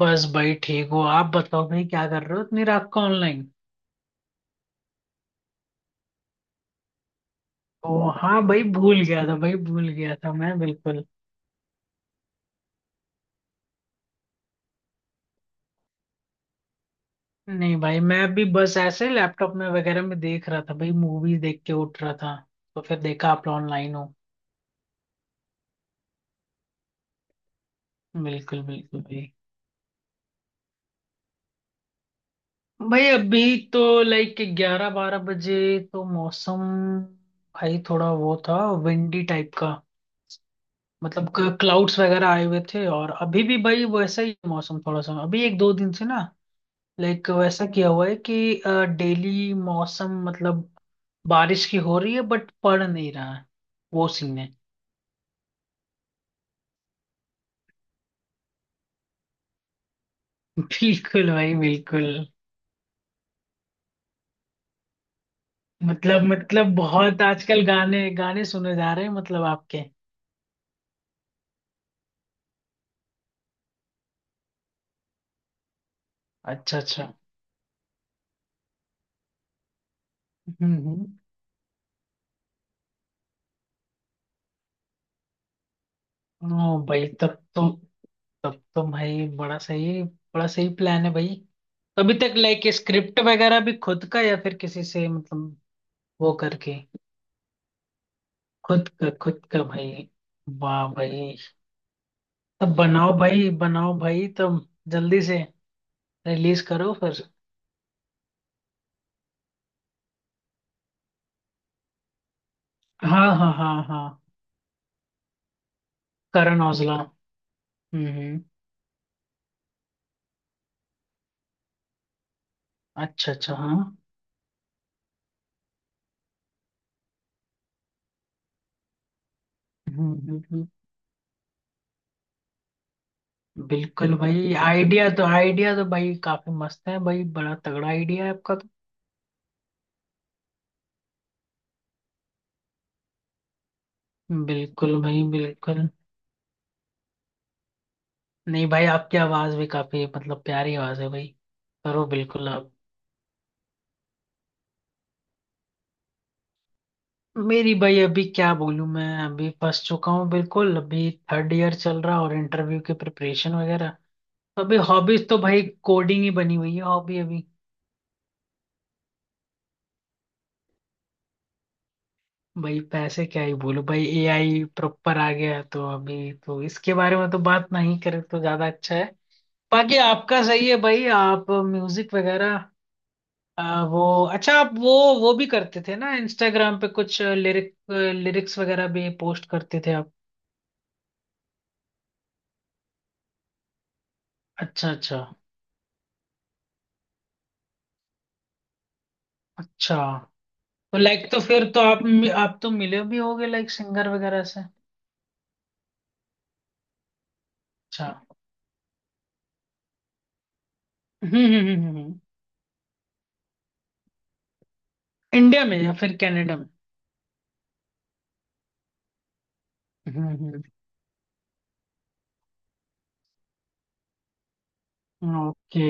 बस भाई। ठीक हो? आप बताओ भाई, क्या कर रहे हो इतनी रात को ऑनलाइन? ओ हाँ भाई, भूल गया था भाई, भूल गया था मैं बिल्कुल। नहीं भाई, मैं भी बस ऐसे लैपटॉप में वगैरह में देख रहा था भाई, मूवी देख के उठ रहा था, तो फिर देखा आप ऑनलाइन हो। बिल्कुल बिल्कुल भाई। भाई अभी तो लाइक ग्यारह बारह बजे, तो मौसम भाई थोड़ा वो था, विंडी टाइप का। मतलब क्लाउड्स वगैरह आए हुए थे, और अभी भी भाई वैसा ही मौसम थोड़ा सा अभी एक दो दिन से ना, लाइक वैसा किया हुआ है कि डेली मौसम मतलब बारिश की हो रही है, बट पड़ नहीं रहा है, वो सीन है। बिल्कुल भाई बिल्कुल। मतलब बहुत आजकल गाने गाने सुने जा रहे हैं मतलब आपके। अच्छा अच्छा। हम्म हम्म। ओ भाई तब तो, भाई बड़ा सही प्लान है भाई। तो अभी तक लाइक स्क्रिप्ट वगैरह भी खुद का या फिर किसी से मतलब, वो करके, खुद का भाई। वाह भाई। तब बनाओ भाई, बनाओ भाई, तब जल्दी से रिलीज करो फिर। हाँ हाँ हाँ हाँ। करण औजला। हम्म हम्म, अच्छा अच्छा। हाँ। हम्म हम्म, हम्म, बिल्कुल भाई, आइडिया तो भाई काफी मस्त है भाई, बड़ा तगड़ा आइडिया है आपका तो। बिल्कुल भाई बिल्कुल। नहीं भाई, आपकी आवाज भी काफी मतलब प्यारी आवाज है भाई। करो बिल्कुल आप। मेरी भाई अभी क्या बोलूं? मैं अभी फंस चुका हूँ बिल्कुल, अभी थर्ड ईयर चल रहा, और इंटरव्यू की प्रिपरेशन वगैरह। अभी हॉबीज तो भाई कोडिंग ही बनी हुई है हॉबी अभी। भाई पैसे क्या ही बोलो भाई, एआई प्रॉपर आ गया है, तो अभी तो इसके बारे में तो बात नहीं करें तो ज्यादा अच्छा है। बाकी आपका सही है भाई, आप म्यूजिक वगैरह। वो अच्छा, आप वो भी करते थे ना इंस्टाग्राम पे कुछ लिरिक्स वगैरह भी पोस्ट करते थे आप? अच्छा अच्छा अच्छा। तो लाइक तो फिर तो आप तो मिले भी होगे लाइक सिंगर वगैरह से। अच्छा। हम्म हम्म हम्म हम्म, हम्म। इंडिया में या फिर कनाडा में? हम्म। ओके।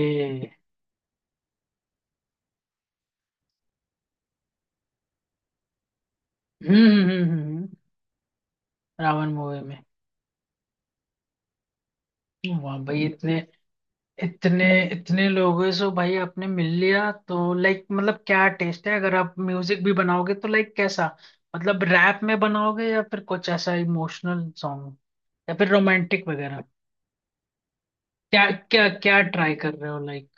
हम्म हम्म, हम्म, हम्म, रावण मूवी में? वाह भाई, इतने इतने इतने लोगों से भाई आपने मिल लिया, तो लाइक मतलब क्या टेस्ट है, अगर आप म्यूजिक भी बनाओगे तो लाइक कैसा? मतलब रैप में बनाओगे या फिर कुछ ऐसा इमोशनल सॉन्ग, या फिर रोमांटिक वगैरह? क्या क्या क्या ट्राई कर रहे हो लाइक?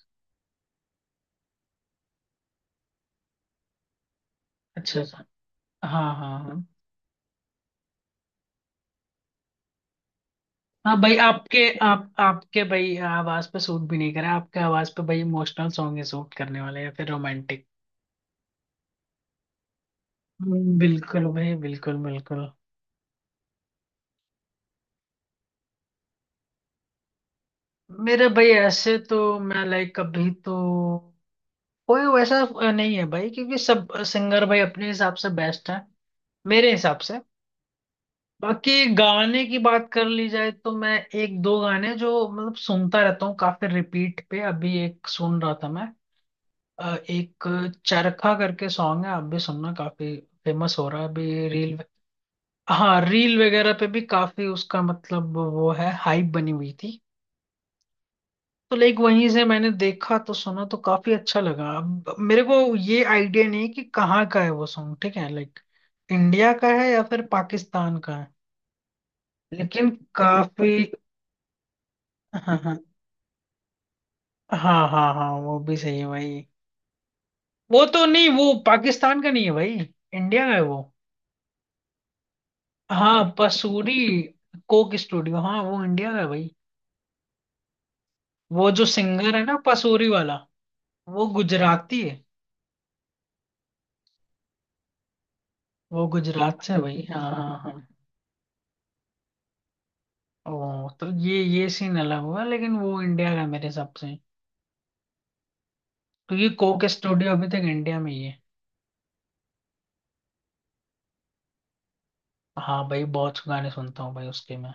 अच्छा सा। हाँ हाँ हाँ हाँ, भाई आपके, आप आपके भाई आवाज पे सूट भी नहीं करा, आपके आवाज पे भाई इमोशनल सॉन्ग ही सूट करने वाले हैं या फिर रोमांटिक। बिल्कुल भाई बिल्कुल बिल्कुल। मेरा भाई ऐसे तो, मैं लाइक कभी तो कोई वैसा नहीं है भाई, क्योंकि सब सिंगर भाई अपने हिसाब से बेस्ट है, मेरे हिसाब से। बाकी गाने की बात कर ली जाए तो, मैं एक दो गाने जो मतलब सुनता रहता हूँ काफी रिपीट पे, अभी एक सुन रहा था मैं। एक चरखा करके सॉन्ग है, आप भी सुनना, काफी फेमस हो रहा है अभी रील। हाँ, रील वगैरह पे भी काफी उसका मतलब वो है, हाइप बनी हुई थी। तो लाइक वहीं से मैंने देखा, तो सुना तो काफी अच्छा लगा। अब मेरे को ये आइडिया नहीं कि कहाँ का है वो सॉन्ग, ठीक है लाइक, इंडिया का है या फिर पाकिस्तान का है, लेकिन काफी। हाँ हाँ हाँ, हाँ हाँ वो भी सही है भाई। वो तो नहीं, वो पाकिस्तान का नहीं है भाई, इंडिया का है वो। हाँ पसूरी, कोक स्टूडियो, हाँ वो इंडिया का है भाई। वो जो सिंगर है ना पसूरी वाला, वो गुजराती है। वो गुजरात से है भाई, हाँ हाँ हाँ। ओ तो ये सीन अलग हुआ, लेकिन वो इंडिया का मेरे हिसाब से। क्योंकि कोक स्टूडियो अभी तक इंडिया में ही है। हाँ भाई, बहुत गाने सुनता हूँ भाई उसके मैं।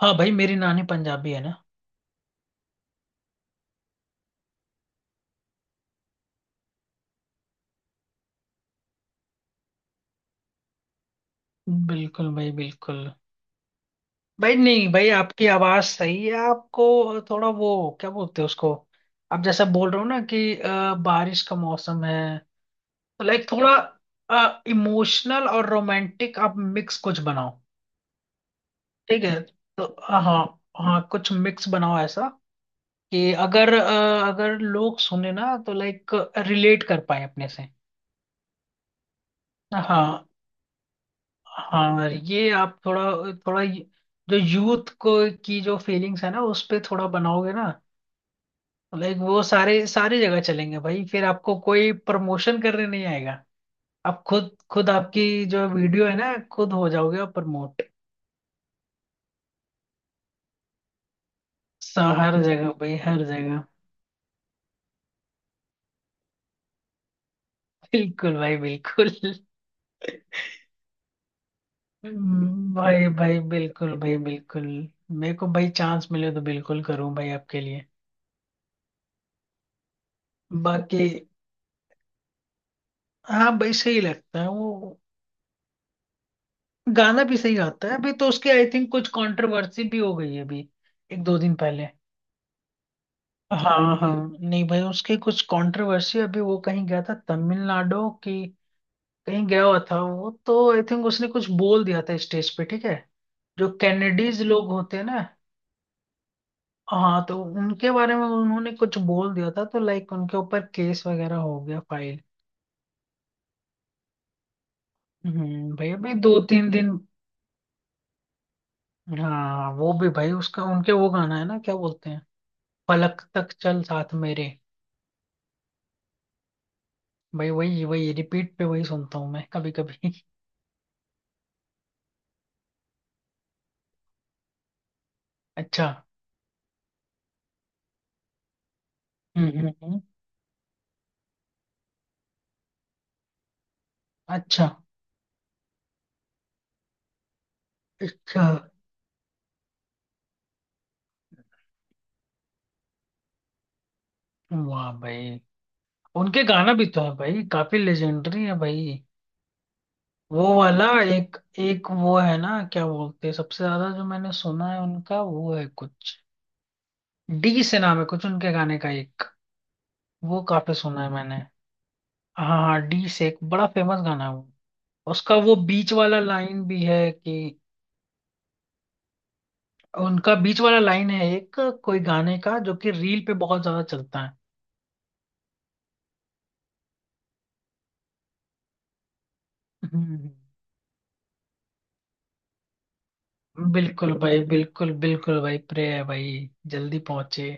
हाँ भाई, मेरी नानी पंजाबी है ना। बिल्कुल भाई बिल्कुल। भाई नहीं भाई, आपकी आवाज सही है, आपको थोड़ा वो, क्या बोलते हैं उसको, आप जैसा बोल रहे हो ना कि बारिश का मौसम है। तो लाइक थोड़ा इमोशनल और रोमांटिक, आप मिक्स कुछ बनाओ। ठीक है। तो हाँ। हाँ कुछ मिक्स बनाओ ऐसा, कि अगर लोग सुने ना तो लाइक रिलेट कर पाए अपने से। हाँ हाँ, ये आप थोड़ा थोड़ा जो यूथ को की जो फीलिंग्स है ना, उस पे थोड़ा बनाओगे ना, तो लाइक वो सारे सारी जगह चलेंगे भाई, फिर आपको कोई प्रमोशन करने नहीं आएगा। आप खुद खुद, आपकी जो वीडियो है ना, खुद हो जाओगे आप प्रमोट, हर जगह भाई हर जगह। बिल्कुल भाई बिल्कुल। भाई भाई बिल्कुल भाई बिल्कुल। मेरे को भाई चांस मिले तो बिल्कुल करूँ भाई आपके लिए। बाकी। हाँ भाई सही लगता है वो, गाना भी सही आता है, अभी तो उसकी आई थिंक कुछ कंट्रोवर्सी भी हो गई है अभी, एक दो दिन पहले। हाँ हाँ। नहीं भाई, उसकी कुछ कंट्रोवर्सी अभी, वो कहीं गया था तमिलनाडु की, कहीं गया हुआ था वो, तो आई थिंक उसने कुछ बोल दिया था स्टेज पे, ठीक है। जो कैनेडीज लोग होते हैं ना, हाँ, तो उनके बारे में उन्होंने कुछ बोल दिया था, तो लाइक उनके ऊपर केस वगैरह हो गया फाइल। भाई अभी दो तीन दिन। हाँ वो भी भाई, उसका उनके वो गाना है ना, क्या बोलते हैं, पलक तक चल साथ मेरे। भाई वही वही रिपीट पे वही सुनता हूँ मैं कभी कभी अच्छा। हम्म हम्म हम्म, अच्छा अच्छा। वाह भाई, उनके गाना भी तो है भाई, काफी लेजेंडरी है भाई। वो वाला एक एक वो है ना, क्या बोलते हैं, सबसे ज्यादा जो मैंने सुना है उनका, वो है कुछ, डी से नाम है कुछ उनके गाने का एक। वो काफी सुना है मैंने। हाँ हाँ, डी से एक बड़ा फेमस गाना है वो। उसका वो बीच वाला लाइन भी है कि, उनका बीच वाला लाइन है एक, कोई गाने का, जो कि रील पे बहुत ज्यादा चलता है। हम्म, बिल्कुल भाई बिल्कुल बिल्कुल भाई, प्रे है भाई जल्दी पहुंचे।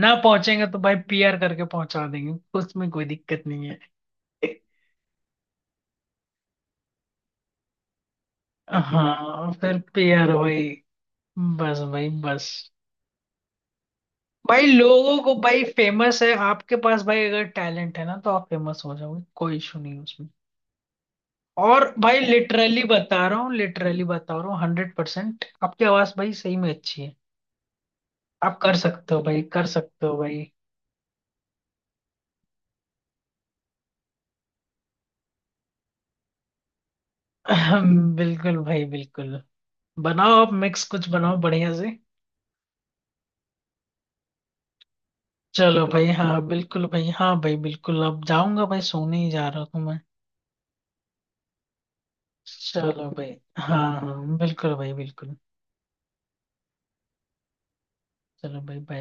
ना पहुंचेंगे तो भाई, पीआर करके पहुंचा देंगे, उसमें कोई दिक्कत नहीं है। हाँ फिर पीआर भाई, बस भाई बस। भाई लोगों को भाई फेमस है आपके पास, भाई अगर टैलेंट है ना, तो आप फेमस हो जाओगे, कोई इशू नहीं है उसमें। और भाई लिटरली बता रहा हूँ, लिटरली बता रहा हूँ, 100% आपकी आवाज भाई सही में अच्छी है। आप कर सकते हो भाई कर सकते हो भाई। बिल्कुल भाई बिल्कुल। बनाओ, आप मिक्स कुछ बनाओ बढ़िया से। चलो भाई, हाँ बिल्कुल भाई, हाँ भाई बिल्कुल, अब जाऊंगा भाई, सोने ही जा रहा हूँ मैं। चलो भाई, हाँ हाँ बिल्कुल भाई बिल्कुल, चलो भाई बाय।